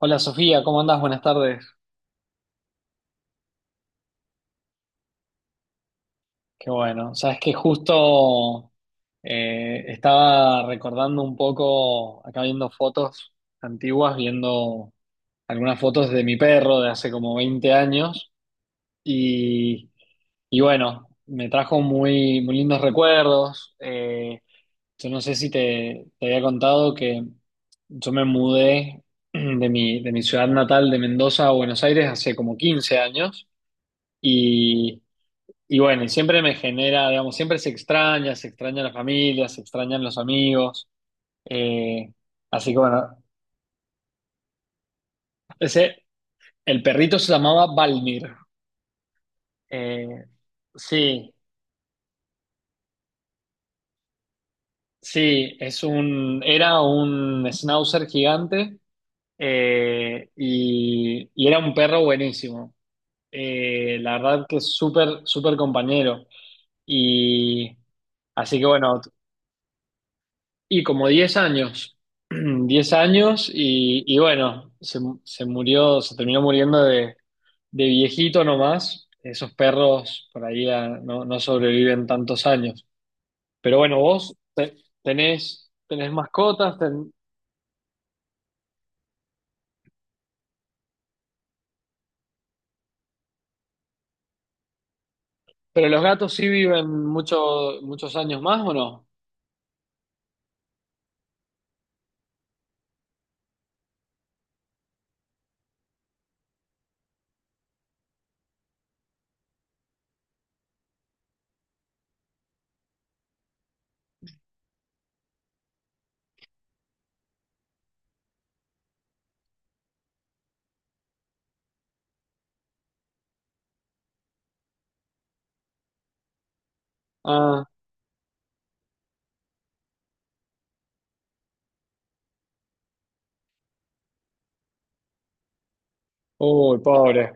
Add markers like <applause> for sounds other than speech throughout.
Hola Sofía, ¿cómo andás? Buenas tardes. Qué bueno. Sabes que justo estaba recordando un poco, acá viendo fotos antiguas, viendo algunas fotos de mi perro de hace como 20 años y, y bueno, me trajo muy, muy lindos recuerdos. Yo no sé si te había contado que yo me mudé <clears throat> de de mi ciudad natal de Mendoza a Buenos Aires hace como 15 años. y Y bueno, y siempre me genera, digamos, siempre se extraña la familia, se extrañan los amigos. eh, Así que bueno, ese, el perrito se llamaba Balmir. Eh, sí, sí, es era un schnauzer gigante, y era un perro buenísimo. La verdad que es súper, súper compañero. Y así que bueno, y como 10 años. <clears throat> 10 años y bueno, se murió, se terminó muriendo de viejito nomás. Esos perros por ahí no, no sobreviven tantos años. Pero bueno, vos tenés, tenés mascotas, pero los gatos sí viven muchos muchos años más, ¿o no? Ah, uy, pobre.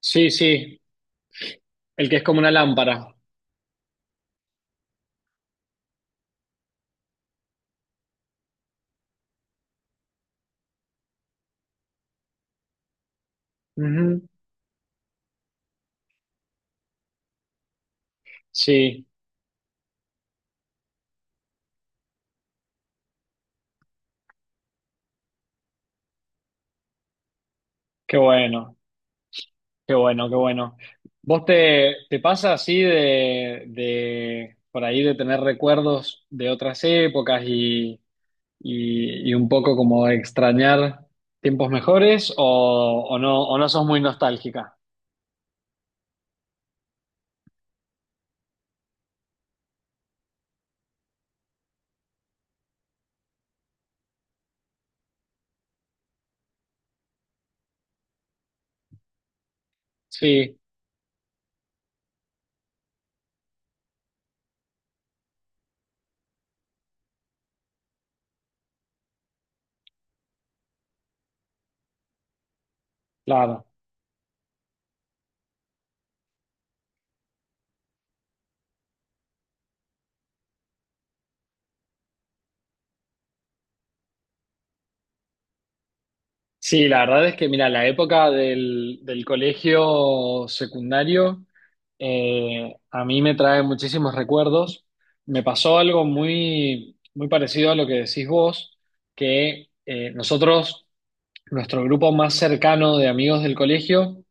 Sí, sí, el que es como una lámpara. Ujú. Sí, qué bueno. Qué bueno, qué bueno. ¿Vos te pasa así de por ahí de tener recuerdos de otras épocas y un poco como extrañar tiempos mejores o no sos muy nostálgica? Sí, claro. Sí, la verdad es que, mira, la época del, del colegio secundario, a mí me trae muchísimos recuerdos. Me pasó algo muy, muy parecido a lo que decís vos, que nuestro grupo más cercano de amigos del colegio,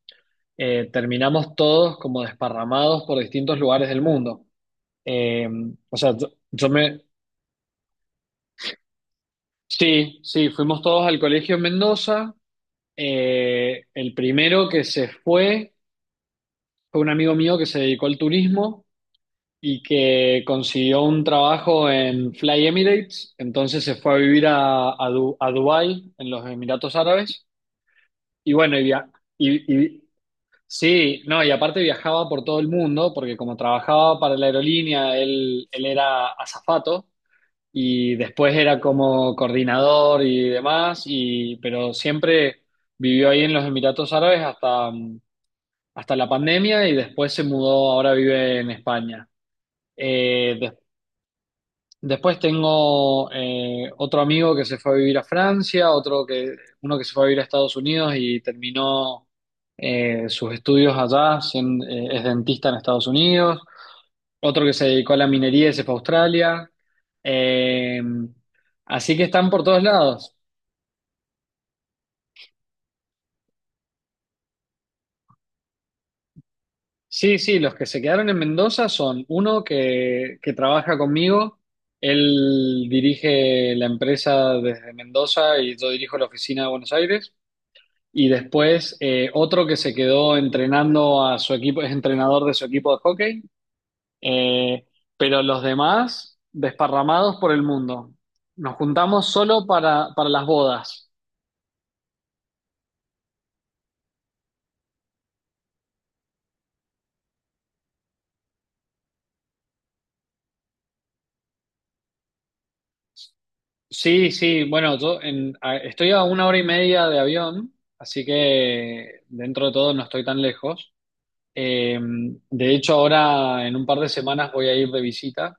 terminamos todos como desparramados por distintos lugares del mundo. Eh, o sea, yo me... Sí, sí, fuimos todos al colegio en Mendoza. El primero que se fue... Fue un amigo mío que se dedicó al turismo y que consiguió un trabajo en Fly Emirates, entonces se fue a vivir a Dubái, en los Emiratos Árabes, y bueno, y, y- sí, no, y aparte viajaba por todo el mundo, porque como trabajaba para la aerolínea, él era azafato, y después era como coordinador y demás, y, pero siempre vivió ahí en los Emiratos Árabes hasta, hasta la pandemia y después se mudó, ahora vive en España. Eh, des- Después tengo otro amigo que se fue a vivir a Francia, uno que se fue a vivir a Estados Unidos y terminó sus estudios allá, es dentista en Estados Unidos, otro que se dedicó a la minería y se fue a Australia. Eh, Así que están por todos lados. Sí, sí, los que se quedaron en Mendoza son uno que trabaja conmigo, él dirige la empresa desde Mendoza y yo dirijo la oficina de Buenos Aires, y después otro que se quedó entrenando a su equipo, es entrenador de su equipo de hockey, eh, pero los demás desparramados por el mundo. Nos juntamos solo para las bodas. Sí, sí, bueno, yo estoy a una hora y media de avión, así que dentro de todo no estoy tan lejos. Eh, de hecho, ahora en un par de semanas voy a ir de visita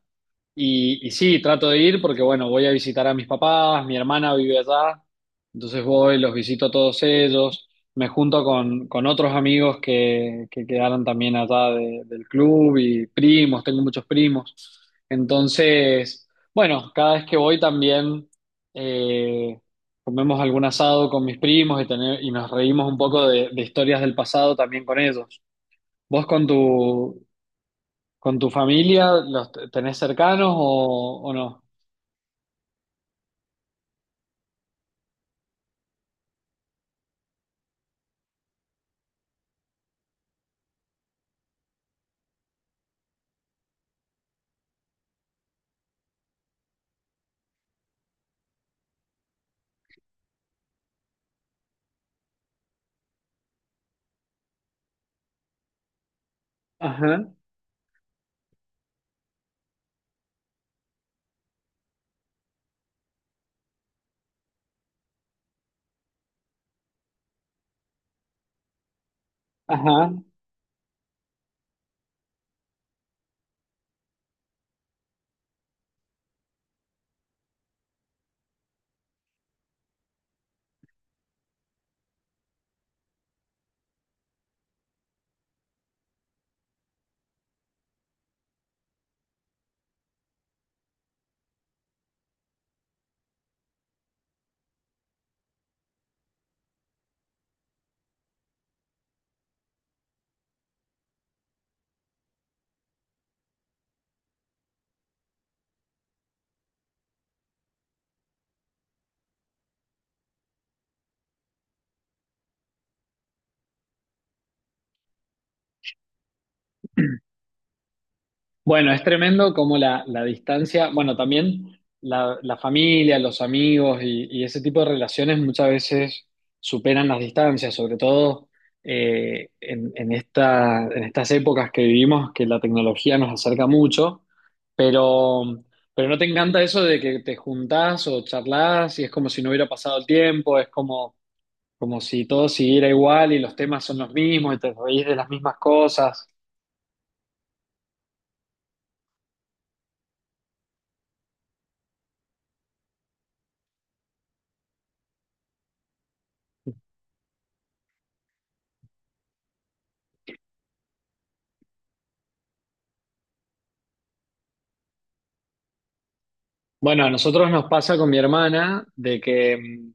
y sí, trato de ir porque, bueno, voy a visitar a mis papás, mi hermana vive allá, entonces voy, los visito a todos ellos, me junto con otros amigos que quedaron también allá del club y primos, tengo muchos primos. Entonces, bueno, cada vez que voy también eh, comemos algún asado con mis primos y nos reímos un poco de historias del pasado también con ellos. ¿Vos con tu, ¿Con tu familia los tenés cercanos o no? Ajá, ajá. Bueno, es tremendo como la distancia, bueno, también la familia, los amigos y ese tipo de relaciones muchas veces superan las distancias, sobre todo en esta, en estas épocas que vivimos, que la tecnología nos acerca mucho, pero, pero ¿no te encanta eso de que te juntás o charlás y es como si no hubiera pasado el tiempo? Es como como si todo siguiera igual y los temas son los mismos y te reís de las mismas cosas. Bueno, a nosotros nos pasa con mi hermana de que mm,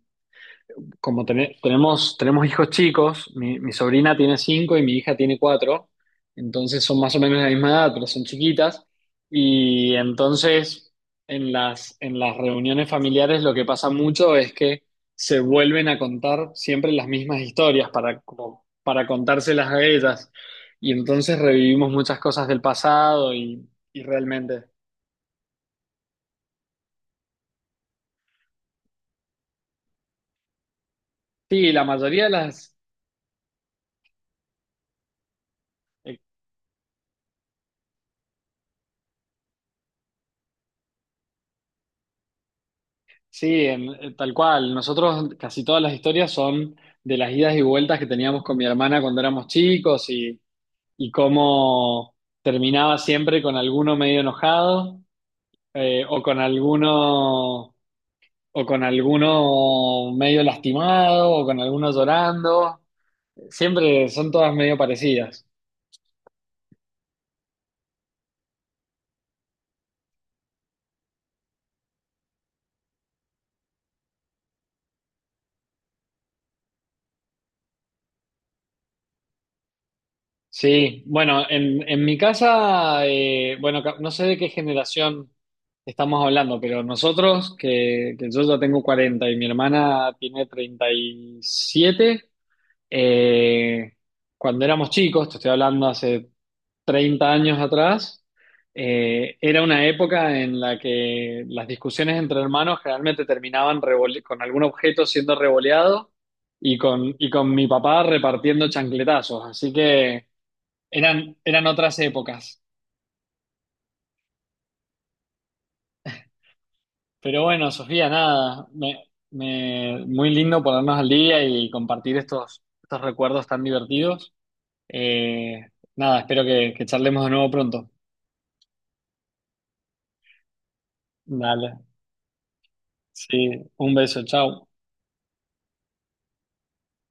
como tene- tenemos, tenemos hijos chicos, mi sobrina tiene 5 y mi hija tiene 4, entonces son más o menos de la misma edad, pero son chiquitas. Y entonces en en las reuniones familiares lo que pasa mucho es que se vuelven a contar siempre las mismas historias para, como, para contárselas a ellas. Y entonces revivimos muchas cosas del pasado y realmente. Sí, la mayoría de las, sí, tal cual. Nosotros casi todas las historias son de las idas y vueltas que teníamos con mi hermana cuando éramos chicos y cómo terminaba siempre con alguno medio enojado, eh, o con alguno o con alguno medio lastimado o con alguno llorando. Siempre son todas medio parecidas. Sí, bueno, en mi casa, bueno, no sé de qué generación estamos hablando, pero nosotros, que yo ya tengo 40 y mi hermana tiene 37, eh, cuando éramos chicos, te estoy hablando hace 30 años atrás, era una época en la que las discusiones entre hermanos generalmente terminaban con algún objeto siendo revoleado y y con mi papá repartiendo chancletazos, así que... Eran, eran otras épocas. Pero bueno, Sofía, nada, muy lindo ponernos al día y compartir estos, estos recuerdos tan divertidos. Eh, Nada, espero que charlemos de nuevo pronto. Dale, sí, un beso, chao.